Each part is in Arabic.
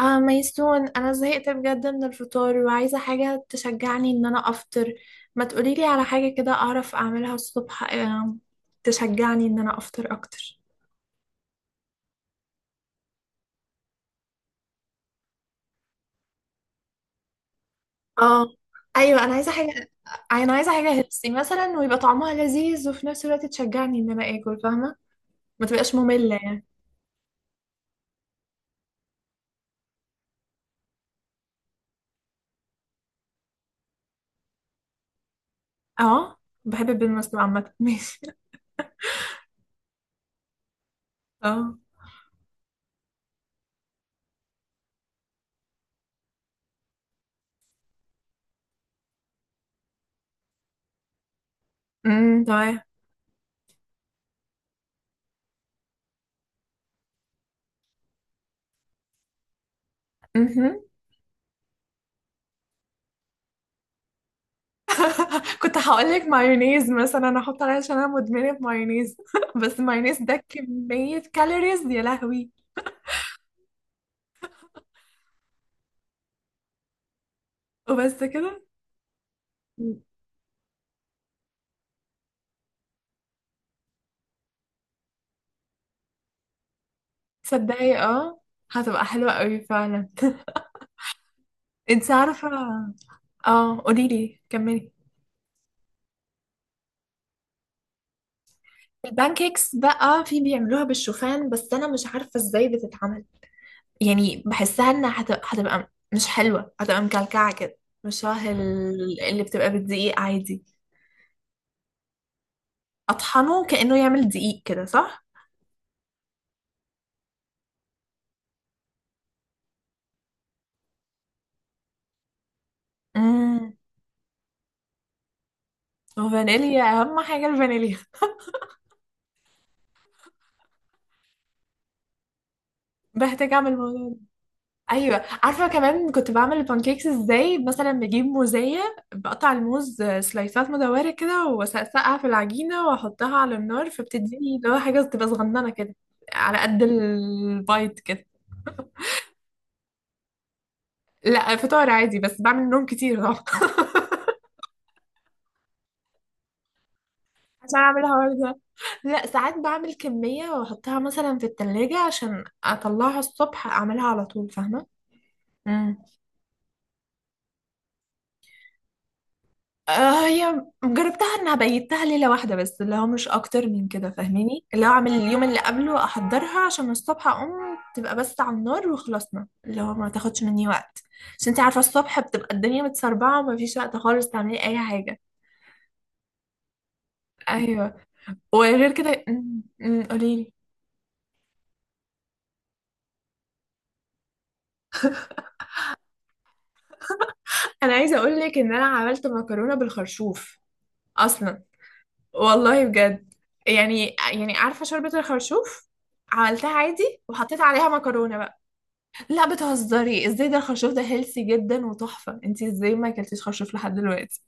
اه ميسون، انا زهقت بجد من الفطار وعايزه حاجه تشجعني ان انا افطر. ما تقوليلي على حاجه كده اعرف اعملها الصبح؟ تشجعني ان انا افطر اكتر. اه، ايوه انا عايزه حاجه هيلثي مثلا ويبقى طعمها لذيذ وفي نفس الوقت تشجعني ان انا اكل، فاهمه؟ ما تبقاش ممله يعني. اه، بحب البيض المسلوق عامه ماشي. اه، امم، تمام. مهم. كنت هقول لك مايونيز مثلا، انا احط عليها عشان انا مدمنه مايونيز. بس مايونيز ده كميه كالوريز يا لهوي. وبس كده؟ تصدقي؟ اه، هتبقى حلوه قوي فعلا انت عارفه. اه، قولي لي، كملي. البانكيكس بقى في بيعملوها بالشوفان بس انا مش عارفه ازاي بتتعمل. يعني بحسها انها هتبقى مش حلوه، هتبقى مكلكعه كده، مش شبه اللي بتبقى بالدقيق عادي. اطحنه كانه يعمل دقيق كده، صح؟ فانيليا، اهم حاجه الفانيليا. بحتاج اعمل الموضوع ده. ايوه عارفه، كمان كنت بعمل البانكيكس ازاي، مثلا بجيب موزيه بقطع الموز سلايسات مدوره كده واسقسقها في العجينه واحطها على النار، فبتديني اللي هو حاجه تبقى صغننه كده، على قد البايت كده. لا، فطار عادي، بس بعمل نوم كتير طبعا عشان اعمل الحوار ده. لا، ساعات بعمل كميه واحطها مثلا في التلاجة عشان اطلعها الصبح اعملها على طول، فاهمه؟ آه، هي جربتها انها بيتها ليلة واحدة بس، اللي هو مش اكتر من كده، فاهماني؟ اللي هو اعمل اليوم اللي قبله احضرها عشان الصبح اقوم تبقى بس على النار وخلصنا، اللي هو ما تاخدش مني وقت. عشان انت عارفة الصبح بتبقى الدنيا متسربعة وما فيش وقت خالص تعملي اي حاجة. ايوه. وغير كده أمم، أمم، قوليلي. انا عايزة اقولك ان انا عملت مكرونة بالخرشوف اصلا، والله بجد. يعني عارفة شوربة الخرشوف؟ عملتها عادي وحطيت عليها مكرونة بقى. لا بتهزري، ازاي؟ ده الخرشوف ده هيلثي جدا وتحفة. انتي ازاي ما اكلتيش خرشوف لحد دلوقتي؟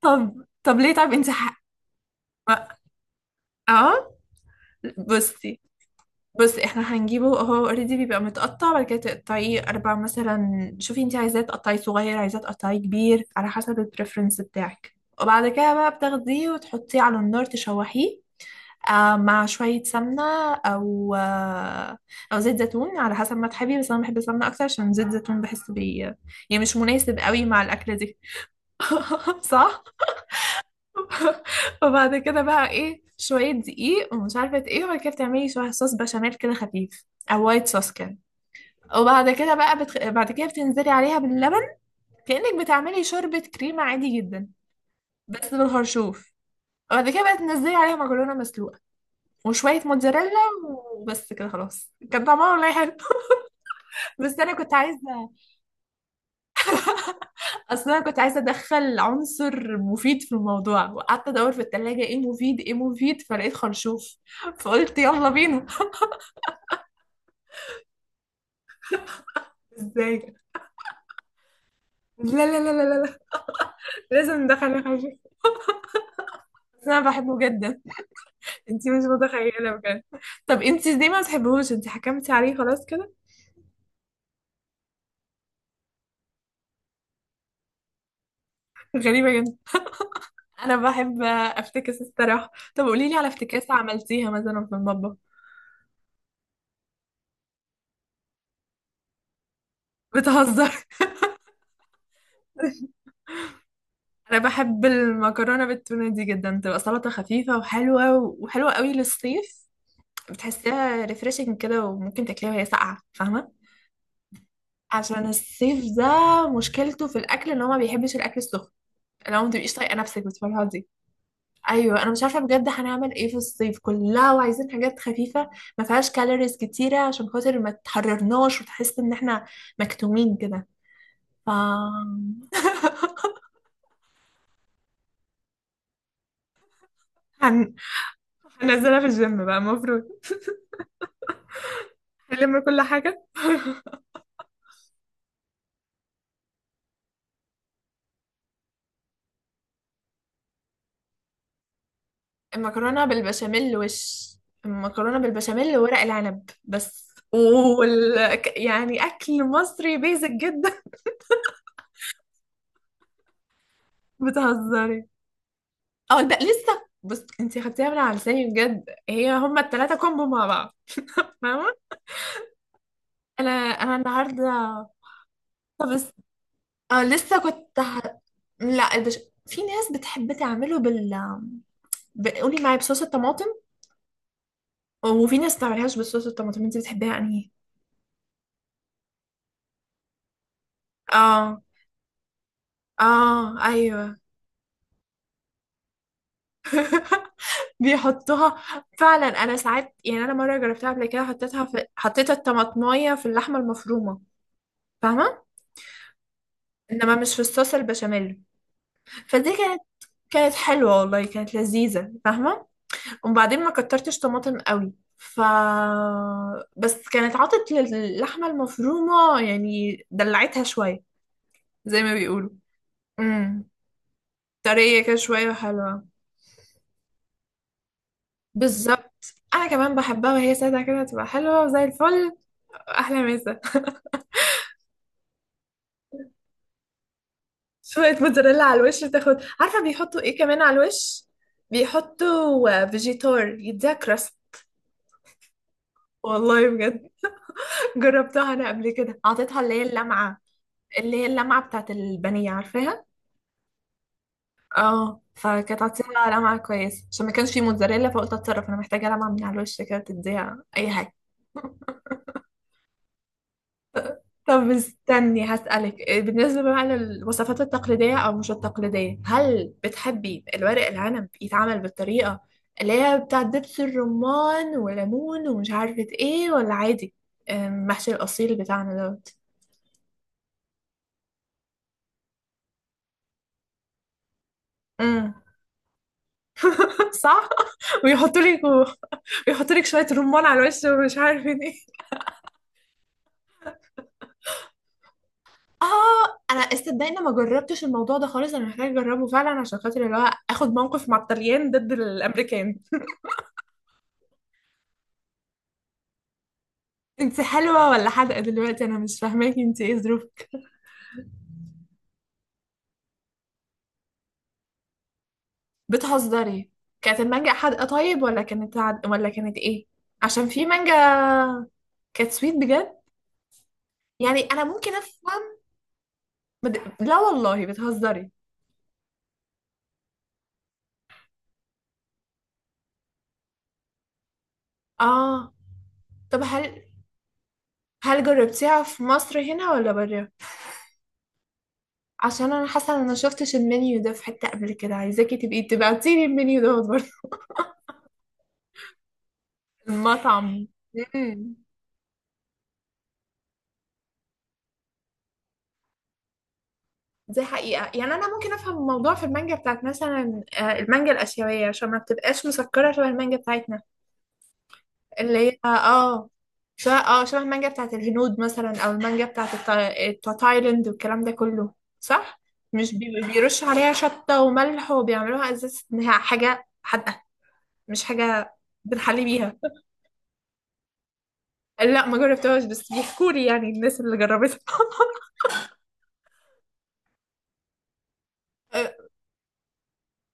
طب طب ليه، طب انتي ما- اه بصي. بصي احنا هنجيبه، هو اوريدي بيبقى متقطع. بعد كده تقطعيه اربع مثلا، شوفي انتي عايزاه تقطعيه صغير عايزاه تقطعيه كبير، على حسب البريفرنس بتاعك. وبعد كده بقى بتاخديه وتحطيه على النار تشوحيه، مع شوية سمنة أو أو زيت زيتون، على حسب ما تحبي، بس أنا بحب السمنة أكتر عشان زيت زيتون بحس بي يعني مش مناسب قوي مع الأكلة دي. صح؟ وبعد كده بقى إيه، شوية دقيق ومش عارفة إيه، وبعد كده بتعملي شوية صوص بشاميل كده خفيف، أو وايت صوص كده. وبعد كده بقى بعد كده بتنزلي عليها باللبن، كأنك بتعملي شوربة كريمة عادي جدا، بس بالخرشوف. وبعد كده بقى تنزلي عليها مكرونة مسلوقة وشوية موتزاريلا، وبس كده خلاص. كان طعمها والله حلو. بس أنا كنت عايزة، أصل أنا كنت عايزة أدخل عنصر مفيد في الموضوع، وقعدت أدور في التلاجة، إيه مفيد إيه مفيد، فلقيت خرشوف فقلت يلا بينا. إزاي؟ لا لا لا لا لا لا. لازم ندخل الخرشوف، بس أنا بحبه جدا. أنتي مش متخيلة بجد. طب أنتي ليه ما بتحبهوش؟ أنتي حكمتي عليه خلاص كده. غريبة جدا. أنا بحب أفتكس الصراحة. طب قوليلي على افتكاسة عملتيها مثلا في المطبخ. بتهزر. انا بحب المكرونه بالتونه دي جدا، تبقى سلطه خفيفه وحلوه، وحلوه قوي للصيف. بتحسيها ريفريشنج كده، وممكن تاكليها وهي ساقعه، فاهمه؟ عشان الصيف ده مشكلته في الاكل ان هو ما بيحبش الاكل السخن، لو ما تبقيش طايقه نفسك بتفرهدي. ايوه انا مش عارفه بجد هنعمل ايه في الصيف كلها وعايزين حاجات خفيفه ما فيهاش كالوريز كتيره عشان خاطر ما تحررناش وتحس ان احنا مكتومين كده. ف هن... هنزلها في الجيم بقى المفروض. هنلم كل حاجه. المكرونة بالبشاميل المكرونة بالبشاميل وورق العنب بس، يعني أكل مصري بيزك جدا. بتهزري. اه ده لسه، بص انتي خدتيها من على لساني بجد، هي هما التلاتة كومبو مع بعض، فاهمة؟ انا النهاردة، طب بس اه لسه كنت لا، في ناس بتحب تعمله قولي معايا بصوص الطماطم، وفي ناس ما تعملهاش بصوص الطماطم. انتي بتحبيها انهي؟ اه، اه، ايوه بيحطوها فعلا. انا ساعات يعني، انا مره جربتها قبل كده، حطيت الطماطمايه في اللحمه المفرومه، فاهمه؟ انما مش في الصوص البشاميل، فدي كانت حلوه والله، كانت لذيذه، فاهمه؟ وبعدين ما كترتش طماطم قوي، ف بس كانت عطت للحمه المفرومه يعني دلعتها شويه، زي ما بيقولوا. امم، طريه كده شويه، حلوه. بالظبط انا كمان بحبها وهي ساده كده، تبقى حلوه زي الفل. احلى مسا. شوية موتزاريلا على الوش تاخد، عارفة بيحطوا ايه كمان على الوش؟ بيحطوا فيجيتار يديها كراست. والله بجد. جربتها انا قبل كده، اعطيتها اللي هي اللمعة، اللي هي اللمعة بتاعت البانيه، عارفاها؟ اه، فكانت عطيتها لمعة كويسة عشان ما كانش في موتزاريلا، فقلت اتصرف، انا محتاجة لمعة من على الوش كده تديها اي حاجة. طب استني هسألك بالنسبة بقى للوصفات التقليدية أو مش التقليدية، هل بتحبي الورق العنب يتعمل بالطريقة اللي هي بتاع دبس الرمان وليمون ومش عارفة ايه، ولا عادي، محشي الأصيل بتاعنا دوت؟ امم، صح. ويحطوا لك ويحطوا لك شوية رمان على الوش ومش عارفين ايه. اه انا استدعي ما جربتش الموضوع ده خالص، انا محتاجة اجربه فعلا عشان خاطر اللي هو اخد موقف مع الطليان ضد الامريكان. انت حلوة ولا حادقة دلوقتي؟ انا مش فاهماكي، انت ايه ظروفك؟ بتهزري. كانت المانجا حادقة طيب، ولا كانت ولا كانت ايه؟ عشان في مانجا كانت سويت بجد، يعني انا ممكن افهم. لا والله بتهزري. اه، طب هل جربتيها في مصر هنا ولا برا؟ عشان انا حاسة ان انا شفتش المنيو ده في حتة قبل كده، عايزاكي تبقي تبعتيلي المنيو ده برضه. المطعم. مم. دي حقيقة يعني. أنا ممكن أفهم الموضوع في المانجا بتاعت مثلا المانجا الآسيوية عشان ما بتبقاش مسكرة شبه المانجا بتاعتنا، اللي هي شبه المانجا بتاعت الهنود مثلا، أو المانجا بتاعت بتاع تايلاند والكلام ده كله، صح؟ مش بيرشوا عليها شطة وملح وبيعملوها أساس إنها حاجة حادقة، مش حاجة بنحلي بيها. لا، ما جربتهاش بس بيحكولي يعني الناس اللي جربتها.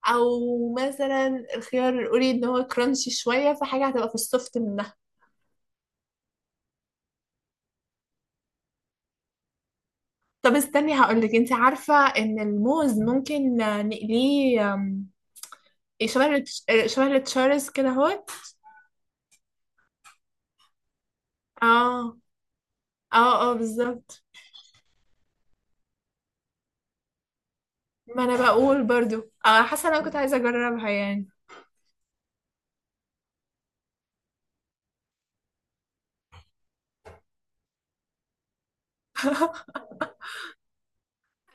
أو مثلا الخيار القولي إن هو كرانشي شوية، فحاجة هتبقى في السوفت منها. طب استني هقولك، انت عارفة ان الموز ممكن نقليه إيه، شبه شبه التشارز كده اهوت؟ اه، اه، اه، بالظبط. ما انا بقول برضو، اه، حاسة انا كنت عايزة اجربها يعني.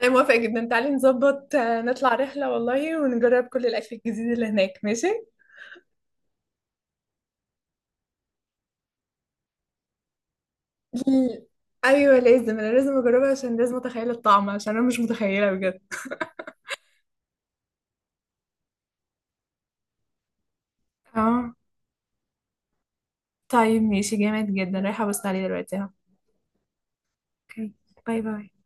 انا موافقة جدا، تعالي نظبط نطلع رحلة والله ونجرب كل الاكل الجديد اللي هناك، ماشي؟ ل- ايوه لازم، انا لازم اجربها عشان لازم اتخيل الطعم، عشان انا مش متخيلة بجد. اه طيب، ماشي جامد جدا، رايحة ابص عليه دلوقتي اهو. اوكي، باي باي.